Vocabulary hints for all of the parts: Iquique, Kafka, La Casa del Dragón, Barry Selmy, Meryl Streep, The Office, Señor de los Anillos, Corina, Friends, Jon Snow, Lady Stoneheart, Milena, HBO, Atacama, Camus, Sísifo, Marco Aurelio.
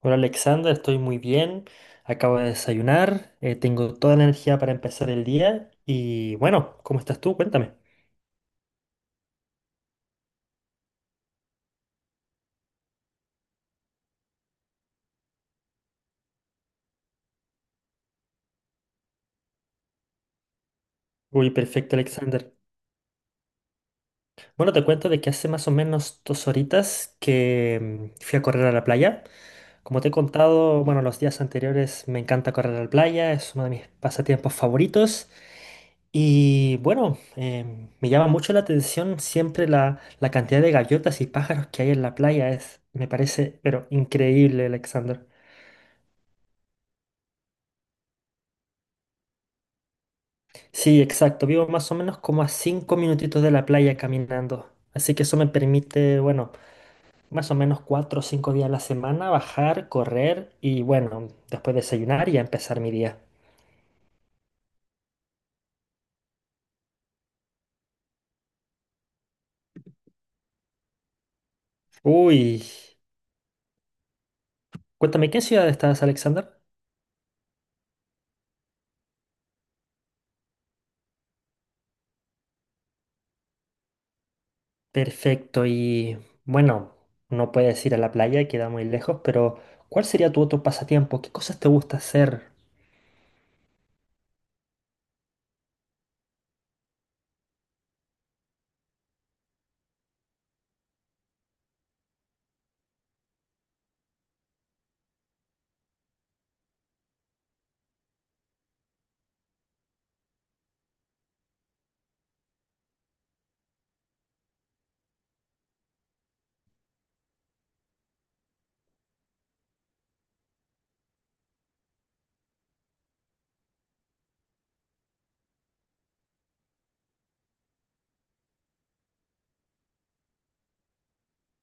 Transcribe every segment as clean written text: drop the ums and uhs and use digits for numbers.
Hola Alexandra, estoy muy bien. Acabo de desayunar, tengo toda la energía para empezar el día y bueno, ¿cómo estás tú? Cuéntame. Uy, perfecto Alexander. Bueno, te cuento de que hace más o menos 2 horitas que fui a correr a la playa. Como te he contado, bueno, los días anteriores me encanta correr a la playa, es uno de mis pasatiempos favoritos. Y bueno, me llama mucho la atención siempre la cantidad de gaviotas y pájaros que hay en la playa. Es, me parece, pero increíble, Alexander. Sí, exacto. Vivo más o menos como a 5 minutitos de la playa caminando. Así que eso me permite, bueno, más o menos 4 o 5 días a la semana bajar, correr y, bueno, después desayunar y a empezar mi día. Uy, cuéntame, ¿qué ciudad estás, Alexander? Perfecto. Y, bueno, no puedes ir a la playa, queda muy lejos, pero ¿cuál sería tu otro pasatiempo? ¿Qué cosas te gusta hacer?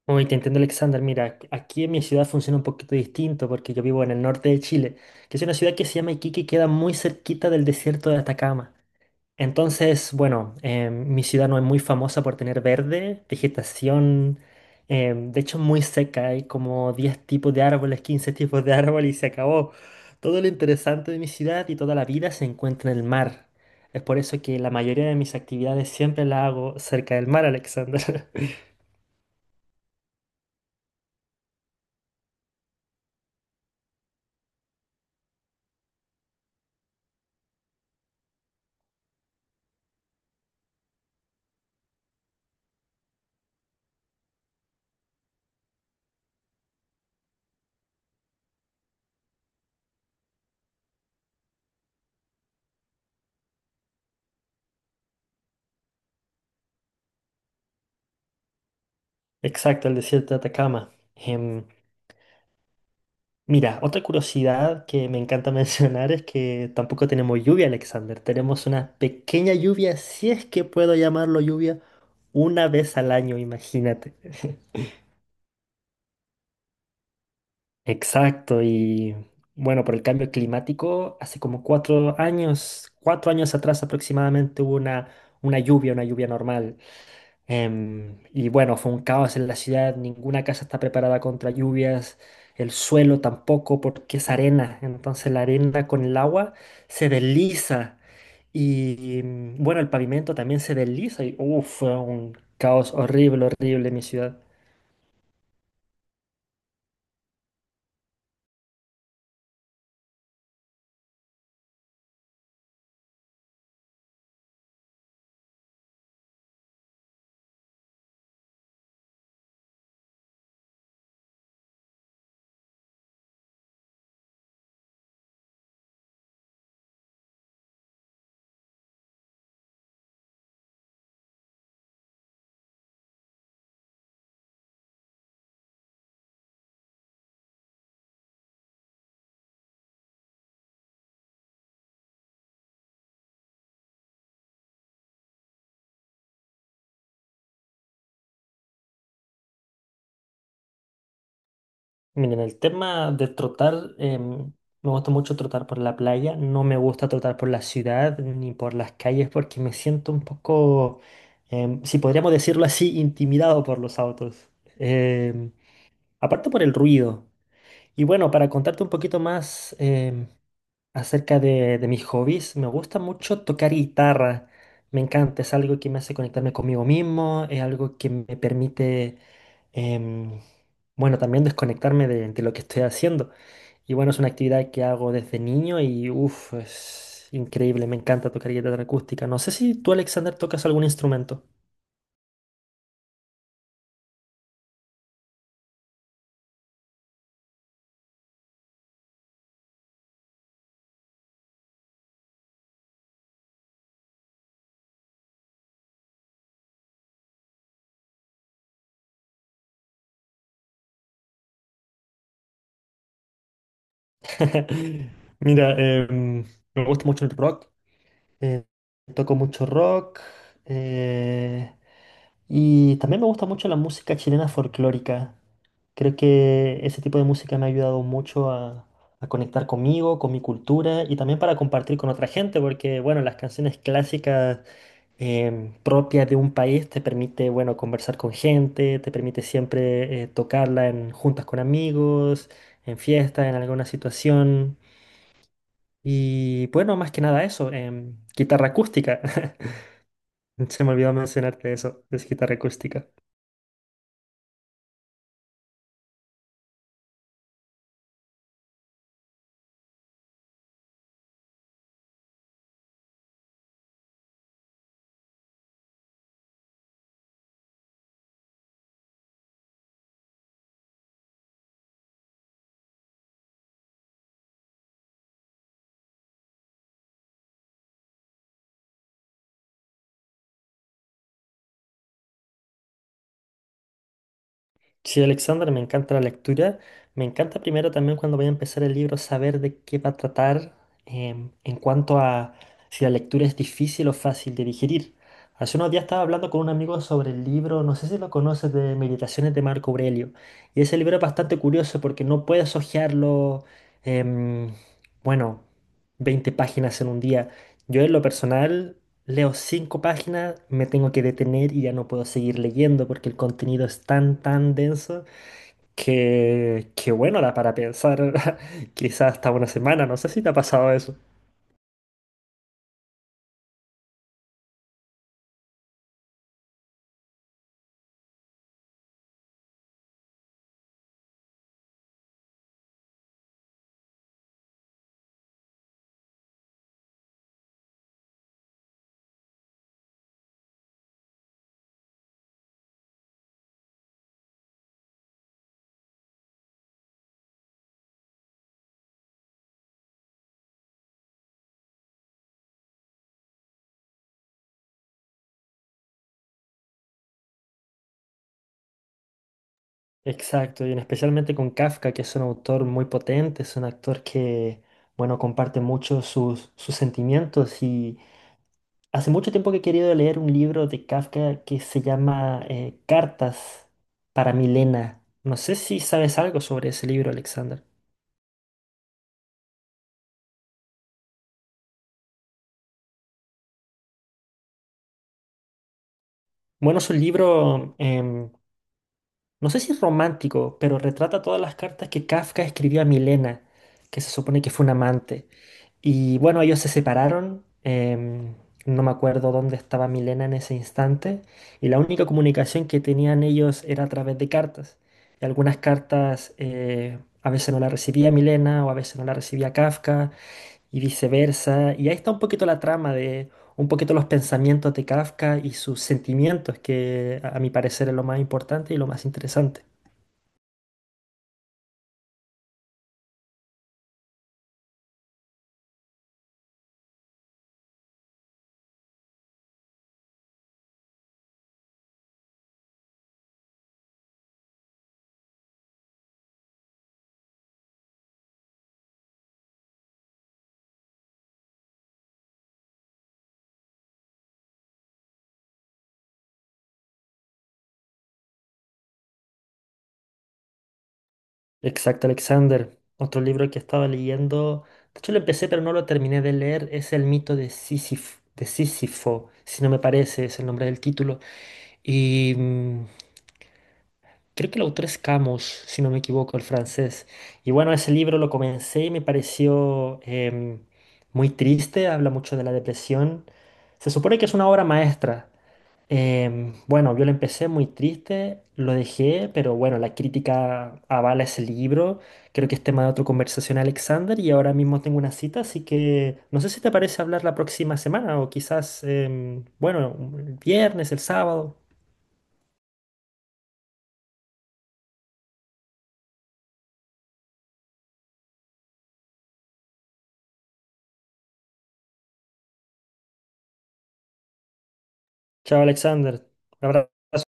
Uy, te entiendo, Alexander. Mira, aquí en mi ciudad funciona un poquito distinto porque yo vivo en el norte de Chile, que es una ciudad que se llama Iquique y queda muy cerquita del desierto de Atacama. Entonces, bueno, mi ciudad no es muy famosa por tener verde, vegetación, de hecho muy seca, hay como 10 tipos de árboles, 15 tipos de árboles y se acabó. Todo lo interesante de mi ciudad y toda la vida se encuentra en el mar. Es por eso que la mayoría de mis actividades siempre las hago cerca del mar, Alexander. Exacto, el desierto de Atacama. Mira, otra curiosidad que me encanta mencionar es que tampoco tenemos lluvia, Alexander. Tenemos una pequeña lluvia, si es que puedo llamarlo lluvia, una vez al año, imagínate. Exacto, y bueno, por el cambio climático, hace como 4 años, 4 años atrás aproximadamente hubo una lluvia normal. Y bueno, fue un caos en la ciudad, ninguna casa está preparada contra lluvias, el suelo tampoco porque es arena, entonces la arena con el agua se desliza y bueno, el pavimento también se desliza y uf, fue un caos horrible, horrible en mi ciudad. Miren, el tema de trotar, me gusta mucho trotar por la playa, no me gusta trotar por la ciudad ni por las calles porque me siento un poco, si podríamos decirlo así, intimidado por los autos. Em, Aparte por el ruido. Y bueno, para contarte un poquito más, acerca de mis hobbies, me gusta mucho tocar guitarra. Me encanta, es algo que me hace conectarme conmigo mismo, es algo que me permite, em, bueno, también desconectarme de lo que estoy haciendo. Y bueno, es una actividad que hago desde niño y uff, es increíble, me encanta tocar guitarra acústica. No sé si tú, Alexander, tocas algún instrumento. Mira, me gusta mucho el rock, eh, toco mucho rock. eh, Y también me gusta mucho la música chilena folclórica. Creo que ese tipo de música me ha ayudado mucho a conectar conmigo, con mi cultura y también para compartir con otra gente, porque bueno, las canciones clásicas propias de un país te permite, bueno, conversar con gente, te permite siempre tocarla en juntas con amigos, en fiestas, en alguna situación. Y bueno, más que nada eso, guitarra acústica. Se me olvidó mencionarte eso, es guitarra acústica. Sí, Alexander, me encanta la lectura. Me encanta primero también cuando voy a empezar el libro saber de qué va a tratar en cuanto a si la lectura es difícil o fácil de digerir. Hace unos días estaba hablando con un amigo sobre el libro, no sé si lo conoces, de Meditaciones de Marco Aurelio. Y ese libro es bastante curioso porque no puedes hojearlo, em, bueno, 20 páginas en un día. Yo en lo personal leo cinco páginas, me tengo que detener y ya no puedo seguir leyendo porque el contenido es tan, tan denso que bueno, da para pensar quizás hasta una semana, no sé si te ha pasado eso. Exacto, y en especialmente con Kafka, que es un autor muy potente, es un actor que, bueno, comparte mucho sus, sus sentimientos y hace mucho tiempo que he querido leer un libro de Kafka que se llama Cartas para Milena. No sé si sabes algo sobre ese libro, Alexander. Bueno, es un libro, no sé si es romántico, pero retrata todas las cartas que Kafka escribió a Milena, que se supone que fue un amante. Y bueno, ellos se separaron. No me acuerdo dónde estaba Milena en ese instante. Y la única comunicación que tenían ellos era a través de cartas. Y algunas cartas a veces no la recibía Milena o a veces no la recibía Kafka y viceversa. Y ahí está un poquito la trama de un poquito los pensamientos de Kafka y sus sentimientos, que a mi parecer es lo más importante y lo más interesante. Exacto, Alexander. Otro libro que estaba leyendo, de hecho lo empecé pero no lo terminé de leer, es El mito de Sísifo, si no me parece, es el nombre del título. Y creo que el autor es Camus, si no me equivoco, el francés. Y bueno, ese libro lo comencé y me pareció muy triste, habla mucho de la depresión. Se supone que es una obra maestra. Bueno, yo lo empecé muy triste, lo dejé, pero bueno, la crítica avala ese libro. Creo que es tema de otra conversación, Alexander, y ahora mismo tengo una cita, así que no sé si te parece hablar la próxima semana o quizás, bueno, el viernes, el sábado. Chao, Alexander. Un abrazo.